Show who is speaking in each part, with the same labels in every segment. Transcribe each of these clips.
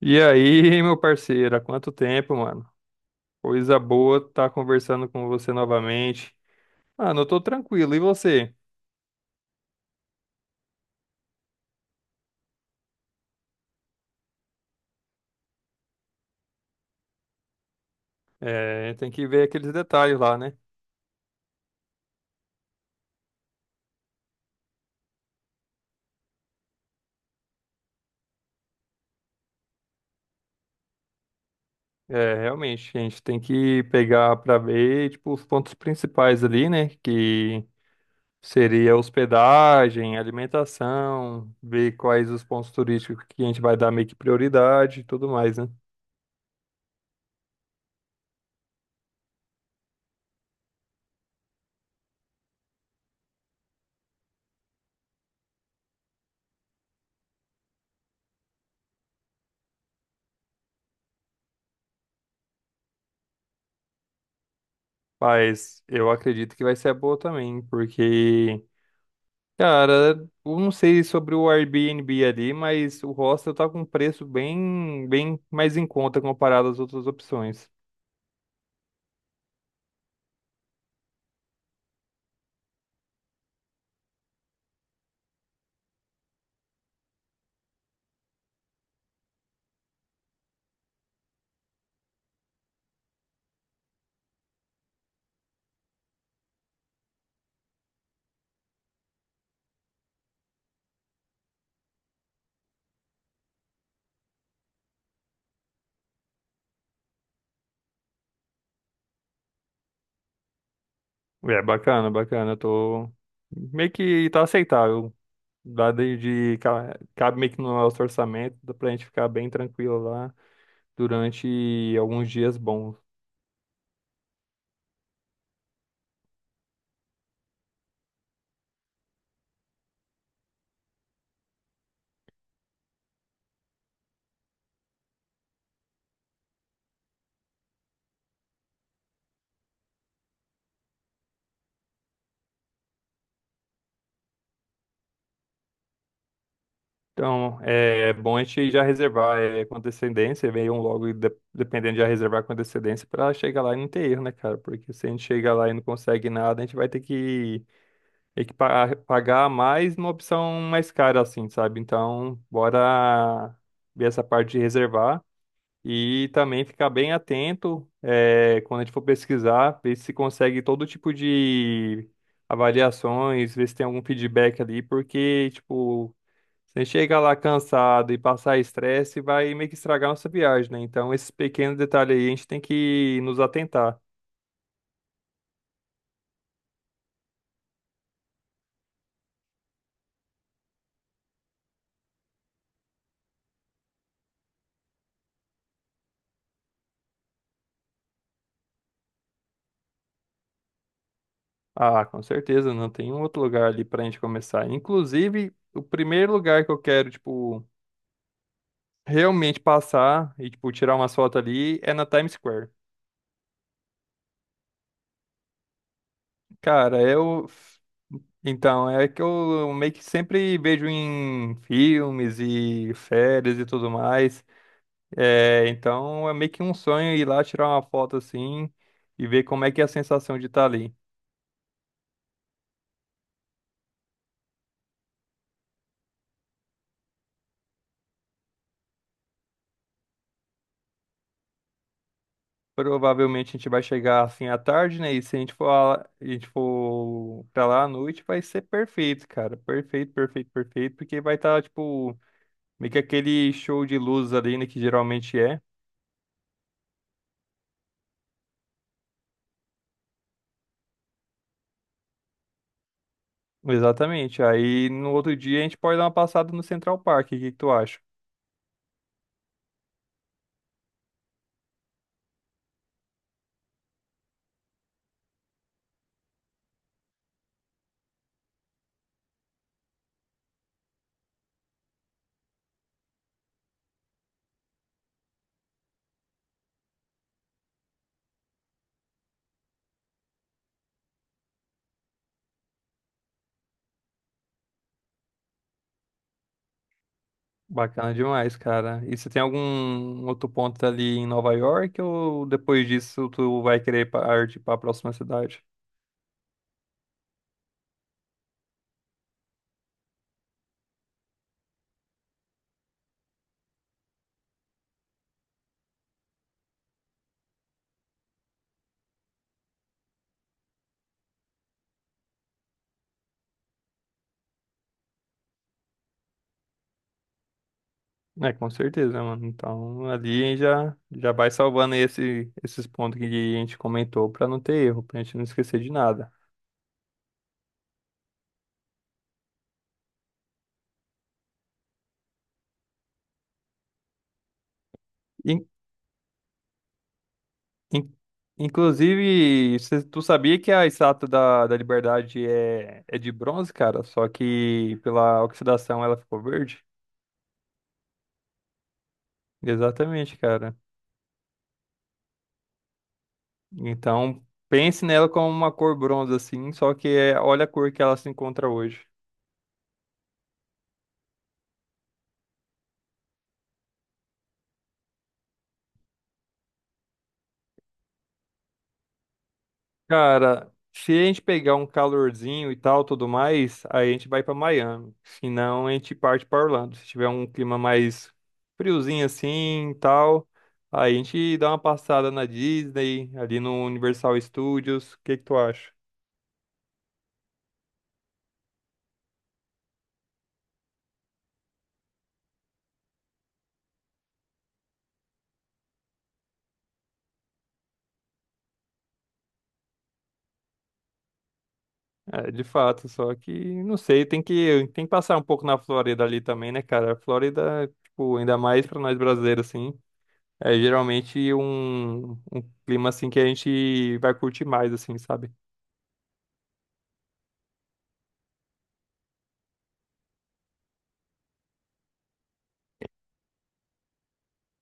Speaker 1: E aí, meu parceiro, há quanto tempo, mano? Coisa boa tá conversando com você novamente. Mano, eu tô tranquilo, e você? É, tem que ver aqueles detalhes lá, né? É, realmente, a gente tem que pegar pra ver, tipo, os pontos principais ali, né? Que seria hospedagem, alimentação, ver quais os pontos turísticos que a gente vai dar meio que prioridade e tudo mais, né? Mas eu acredito que vai ser boa também, porque. Cara, eu não sei sobre o Airbnb ali, mas o hostel tá com um preço bem mais em conta comparado às outras opções. É bacana, bacana. Eu tô meio que tá aceitável. Dá de cabe meio que no nosso orçamento, dá pra gente ficar bem tranquilo lá durante alguns dias bons. Então, é bom a gente já reservar é, com antecedência, venham logo, e dependendo, já reservar com antecedência para chegar lá e não ter erro, né, cara? Porque se a gente chegar lá e não consegue nada, a gente vai ter que pagar mais numa opção mais cara, assim, sabe? Então, bora ver essa parte de reservar e também ficar bem atento é, quando a gente for pesquisar, ver se consegue todo tipo de avaliações, ver se tem algum feedback ali, porque, tipo. Você chega lá cansado e passar estresse, vai meio que estragar nossa viagem, né? Então, esses pequenos detalhes aí a gente tem que nos atentar. Ah, com certeza, não tem um outro lugar ali pra gente começar. Inclusive, o primeiro lugar que eu quero, tipo, realmente passar e, tipo, tirar umas fotos ali é na Times Square. Cara, eu. Então, é que eu meio que sempre vejo em filmes e férias e tudo mais. É, então é meio que um sonho ir lá tirar uma foto assim e ver como é que é a sensação de estar ali. Provavelmente a gente vai chegar assim à tarde, né? E se a gente for pra lá à noite, vai ser perfeito, cara. Perfeito, perfeito, perfeito, porque vai estar, tipo, meio que aquele show de luzes ali, né? Que geralmente é. Exatamente. Aí no outro dia a gente pode dar uma passada no Central Park. O que que tu acha? Bacana demais, cara. E você tem algum outro ponto ali em Nova York ou depois disso tu vai querer partir para a próxima cidade? É, com certeza, mano. Então ali já já vai salvando esses pontos que a gente comentou para não ter erro, pra gente não esquecer de nada. In- in- inclusive, tu sabia que a estátua da Liberdade é de bronze, cara? Só que pela oxidação ela ficou verde? Exatamente, cara. Então, pense nela como uma cor bronze, assim, só que é, olha a cor que ela se encontra hoje. Cara, se a gente pegar um calorzinho e tal, tudo mais, aí a gente vai pra Miami. Se não, a gente parte pra Orlando. Se tiver um clima mais friozinho assim e tal, aí a gente dá uma passada na Disney, ali no Universal Studios. O que que tu acha? É, de fato, só que não sei, tem que passar um pouco na Flórida ali também, né, cara? A Flórida, tipo, ainda mais pra nós brasileiros assim. É geralmente um clima assim que a gente vai curtir mais, assim, sabe?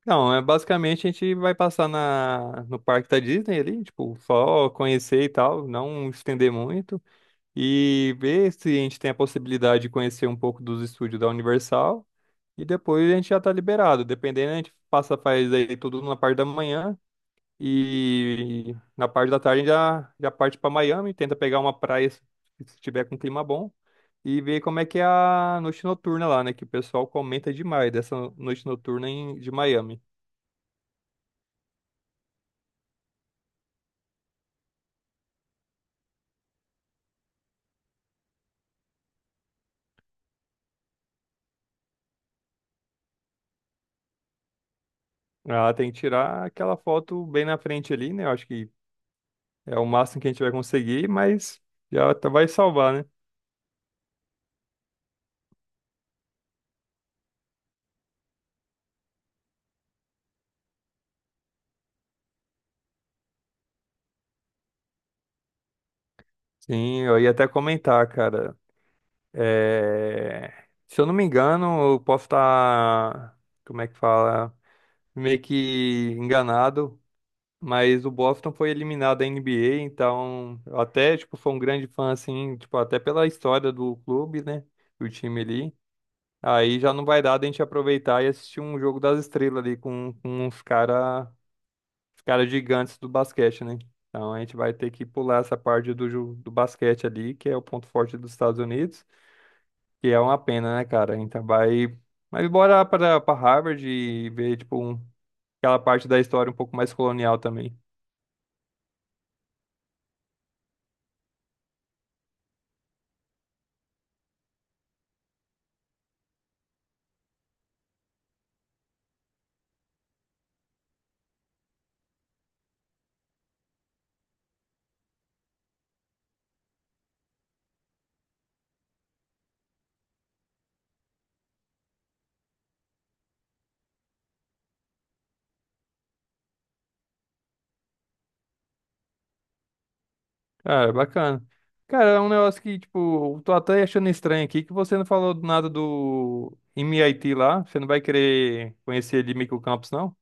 Speaker 1: Não, é basicamente a gente vai passar no parque da Disney ali, tipo, só conhecer e tal, não estender muito, e ver se a gente tem a possibilidade de conhecer um pouco dos estúdios da Universal, e depois a gente já tá liberado. Dependendo, a gente passa, faz aí tudo na parte da manhã, e na parte da tarde já parte para Miami, tenta pegar uma praia se tiver com clima bom e ver como é que é a noite noturna lá, né? Que o pessoal comenta demais dessa noite noturna em, de Miami. Ah, tem que tirar aquela foto bem na frente ali, né? Eu acho que é o máximo que a gente vai conseguir, mas vai salvar, né? Sim, eu ia até comentar, cara. É, se eu não me engano, eu posso estar. Como é que fala? Meio que enganado. Mas o Boston foi eliminado da NBA, então eu até, tipo, foi um grande fã, assim, tipo, até pela história do clube, né? Do time ali. Aí já não vai dar da gente aproveitar e assistir um jogo das estrelas ali com uns cara, os cara gigantes do basquete, né? Então a gente vai ter que pular essa parte do, do basquete ali, que é o ponto forte dos Estados Unidos, que é uma pena, né, cara? Então vai. Mas bora para Harvard e ver, tipo, aquela parte da história um pouco mais colonial também. Cara, bacana. Cara, é um negócio que, tipo, eu tô até achando estranho aqui que você não falou nada do MIT lá. Você não vai querer conhecer ele microcampus, não?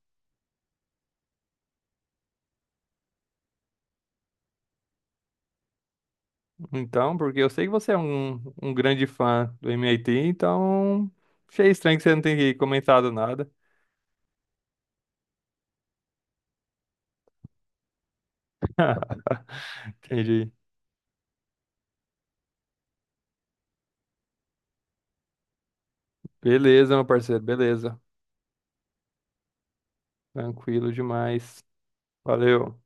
Speaker 1: Então, porque eu sei que você é um grande fã do MIT, então achei estranho que você não tenha comentado nada. Entendi. Beleza, meu parceiro, beleza. Tranquilo demais. Valeu.